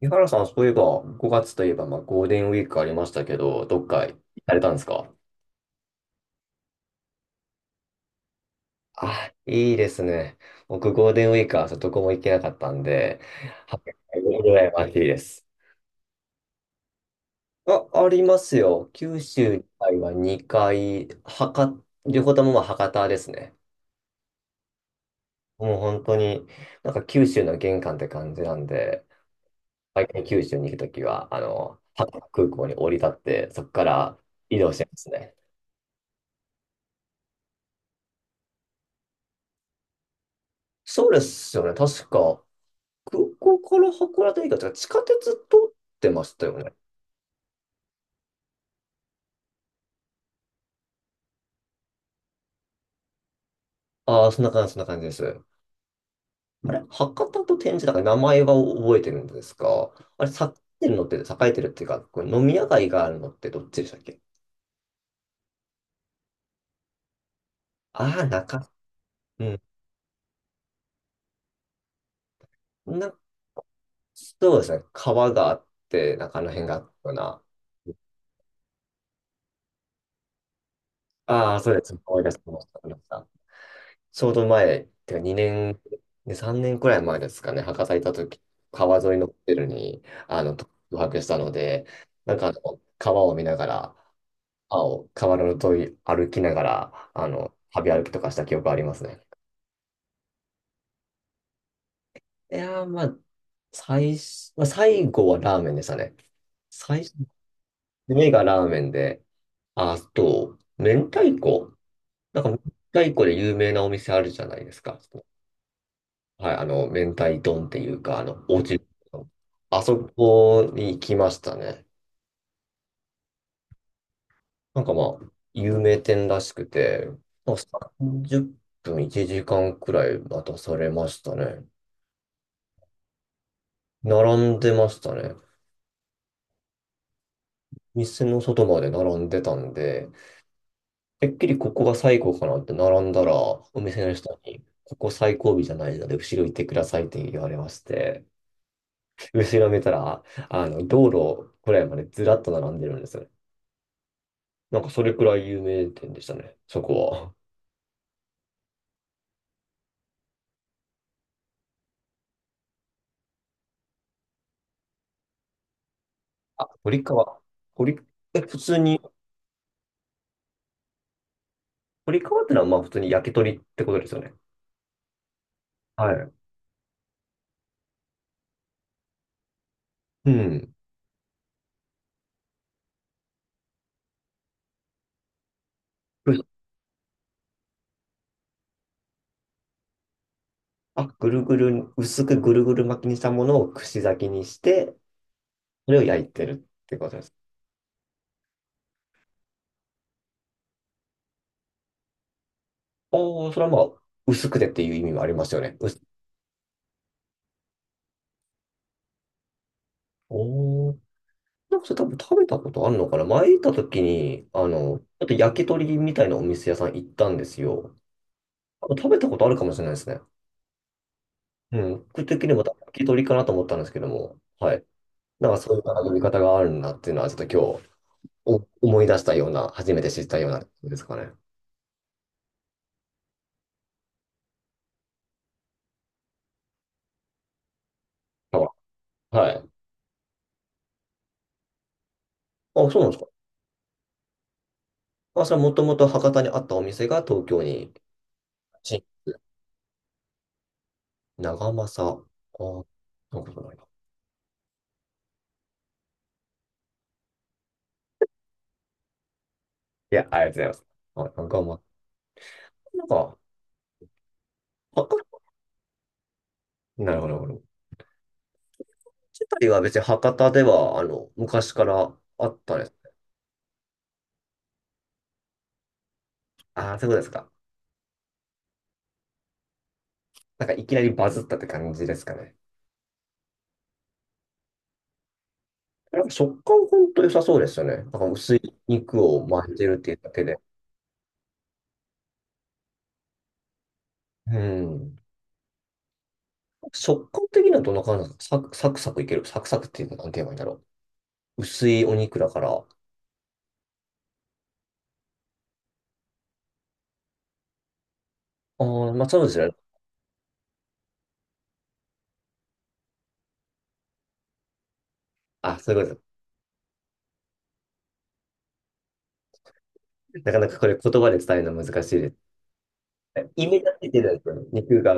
井原さん、そういえば、5月といえば、ゴールデンウィークありましたけど、どっか行かれたんですか？あ、いいですね。僕、ゴールデンウィークはどこも行けなかったんで、はっぴゃくぐらいましいです。あ、ありますよ。九州以外は2回、博、両方とも博多ですね。もう本当に、九州の玄関って感じなんで、毎回九州に行くときは、博多空港に降り立って、そこから移動してますね。そうですよね。確か、空港から函館駅が地下鉄通ってましたよね。ああ、そんな感じ、そんな感じです。あれ、博多と天神だから名前は覚えてるんですか？あれ、栄えてるのって、栄えてるっていうか、これ飲み屋街があるのってどっちでしたっけ？ああー、中、うん。な、そうですね。川があって、中の辺があったような。ああ、そうです。思い出しました。思い出したちょうど前、てか2年、ね、3年くらい前ですかね、博多行った時、川沿いのホテルに、宿泊したので、川を見ながら、青、川の沿い歩きながら、旅歩きとかした記憶ありますね。いやー、最初、最後はラーメンでしたね。最初、目がラーメンで、あと、明太子。明太子で有名なお店あるじゃないですか。はい、明太丼っていうか、おうち、あそこに行きましたね。有名店らしくて、まあ、30分、1時間くらい待たされましたね。並んでましたね。店の外まで並んでたんで、てっきりここが最後かなって並んだら、お店の人に、ここ最後尾じゃないので、後ろ行ってくださいって言われまして、後ろ見たら、道路くらいまでずらっと並んでるんですよ。なんかそれくらい有名店でしたね、そこは。あ、堀川。堀、え、普通に、堀川ってのは普通に焼き鳥ってことですよね。はい。うん。う、あ、ぐるぐる、薄くぐるぐる巻きにしたものを串焼きにして、それを焼いてるってことです。おー、それはまあ、薄くてっていう意味もありますよね。薄おー。なんかそれ多分食べたことあるのかな前行った時に、ちょっと焼き鳥みたいなお店屋さん行ったんですよ。多分食べたことあるかもしれないですね。うん、僕的にも多分聞き取りかなと思ったんですけども、はい。なんかそういう読み方があるんだっていうのは、ちょっと今日お思い出したような、初めて知ったようなことですかね。あ、はい。あ、そうなんですか。あ、それはもともと博多にあったお店が東京に進出。長政。あ、なんかないな。いや、ありがとうございます。あ、長政。なんか、博多、なるほど、なるほど。二人は別に博多では、昔からあったんです。ああ、そういうことですか。なんかいきなりバズったって感じですかね。なんか食感本当良さそうですよね。なんか薄い肉を巻いてるっていうだけで。うん。食感的にはどんな感じなんですか？サクサクサクいける。サクサクっていうのは何て言えばいいんだろう。薄いお肉だから。ああ、まあそうですよね。あ、そういうことです。なかなかこれ言葉で伝えるの難しいです。イメージがついてるんですよね。肉が。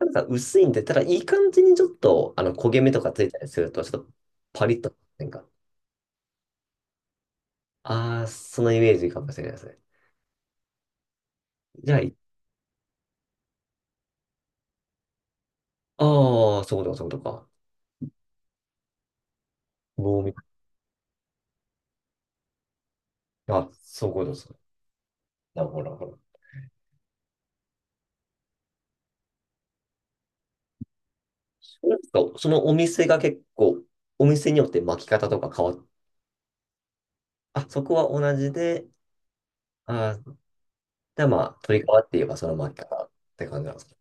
なんか薄いんで、ただいい感じにちょっと焦げ目とかついたりすると、ちょっとパリッと。なんか、ああ、そのイメージかもしれないですね。じゃあ、ああ、そういうことか、そういうことか。棒みたいな。あ、そういうことです。だほらほら。なんかそのお店が結構、お店によって巻き方とか変わっ、あ、そこは同じで、あー、で、まあ、取り替わって言えばその巻き方って感じなんですか？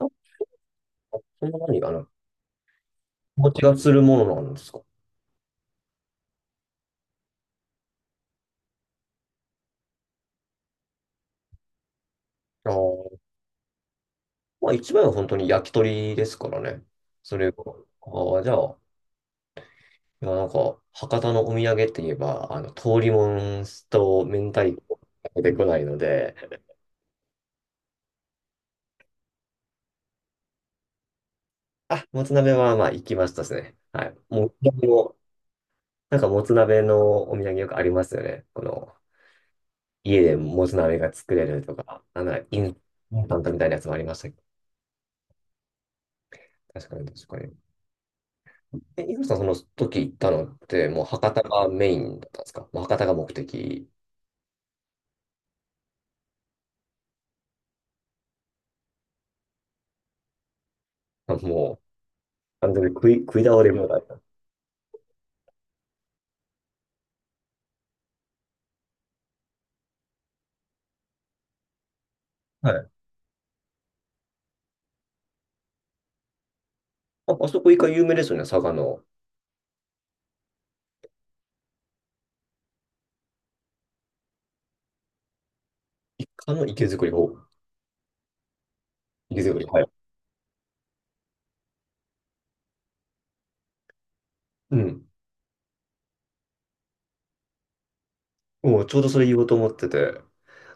あ、そんな何かな。気持ちがするものなんですか？ああ、まあ、一番は本当に焼き鳥ですからね。それが。ああ、じゃあ、いや、なんか、博多のお土産って言えば、通りもんと明太子が出てこないので、あ、もつ鍋はまあ行きましたですね。はい。もう、も、なんかもつ鍋のお土産よくありますよね。この、家でもつ鍋が作れるとか、なんならインスタントみたいなやつもありましたけど。確かに確かに。え、イブさんその時行ったのって、もう博多がメインだったんですか？もう博多が目的。あもう、完全に食い、食い倒れ放題だ。はい。あ、あそこイカ有名ですよね、佐賀の。イカの池作り方。池作り。はい。うん。もうちょうどそれ言おうと思ってて。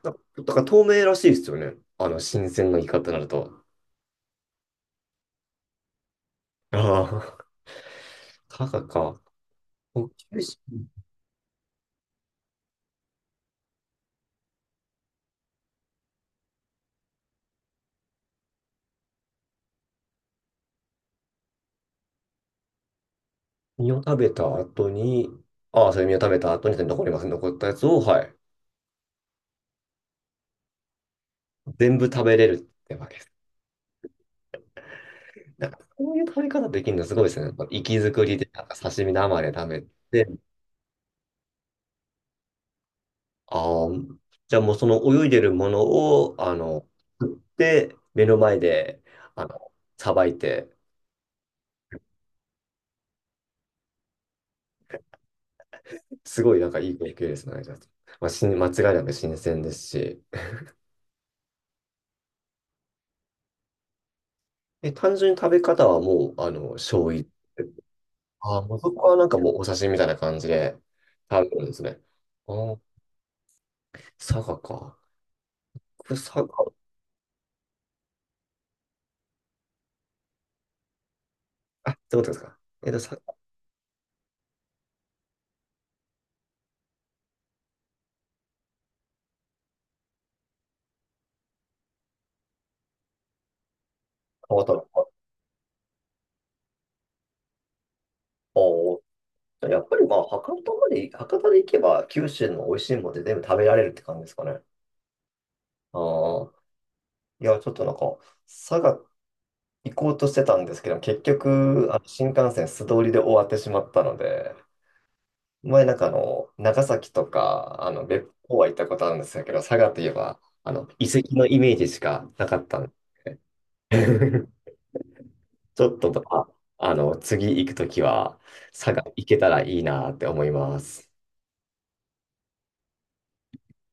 なんか、だから透明らしいですよね。新鮮なイカってなると。ああ、佐賀か。お身を食べた後に、ああ、それ身を食べた後に残りますね。残ったやつを、はい。全部食べれるってわけですね。なんか、そういう食べ方できるのすごいですね。なんか息づくりで、なんか刺身生で食べて、ああ、じゃあもうその泳いでるものを、食って、目の前で、あの、さばいて、すごいなんかいい経験ですね。じゃあまあ、し間違いなく新鮮ですし。え、単純に食べ方はもう、醤油。ああ、もうそこはなんかもうお写真みたいな感じで食べるんですね。ああ、佐賀か。これ佐賀、あ、ってことですか。えっと、佐賀、博多のおーやっぱりまあ、博多まで、博多で行けば、九州の美味しいものでて全部食べられるって感じですかね。ああ、いや、ちょっとなんか、佐賀行こうとしてたんですけど、結局、新幹線素通りで終わってしまったので、前なんか長崎とか、別府は行ったことあるんですけど、佐賀といえば、遺跡のイメージしかなかったんで、ちょっと、あ、次行くときは、佐賀行けたらいいなって思います。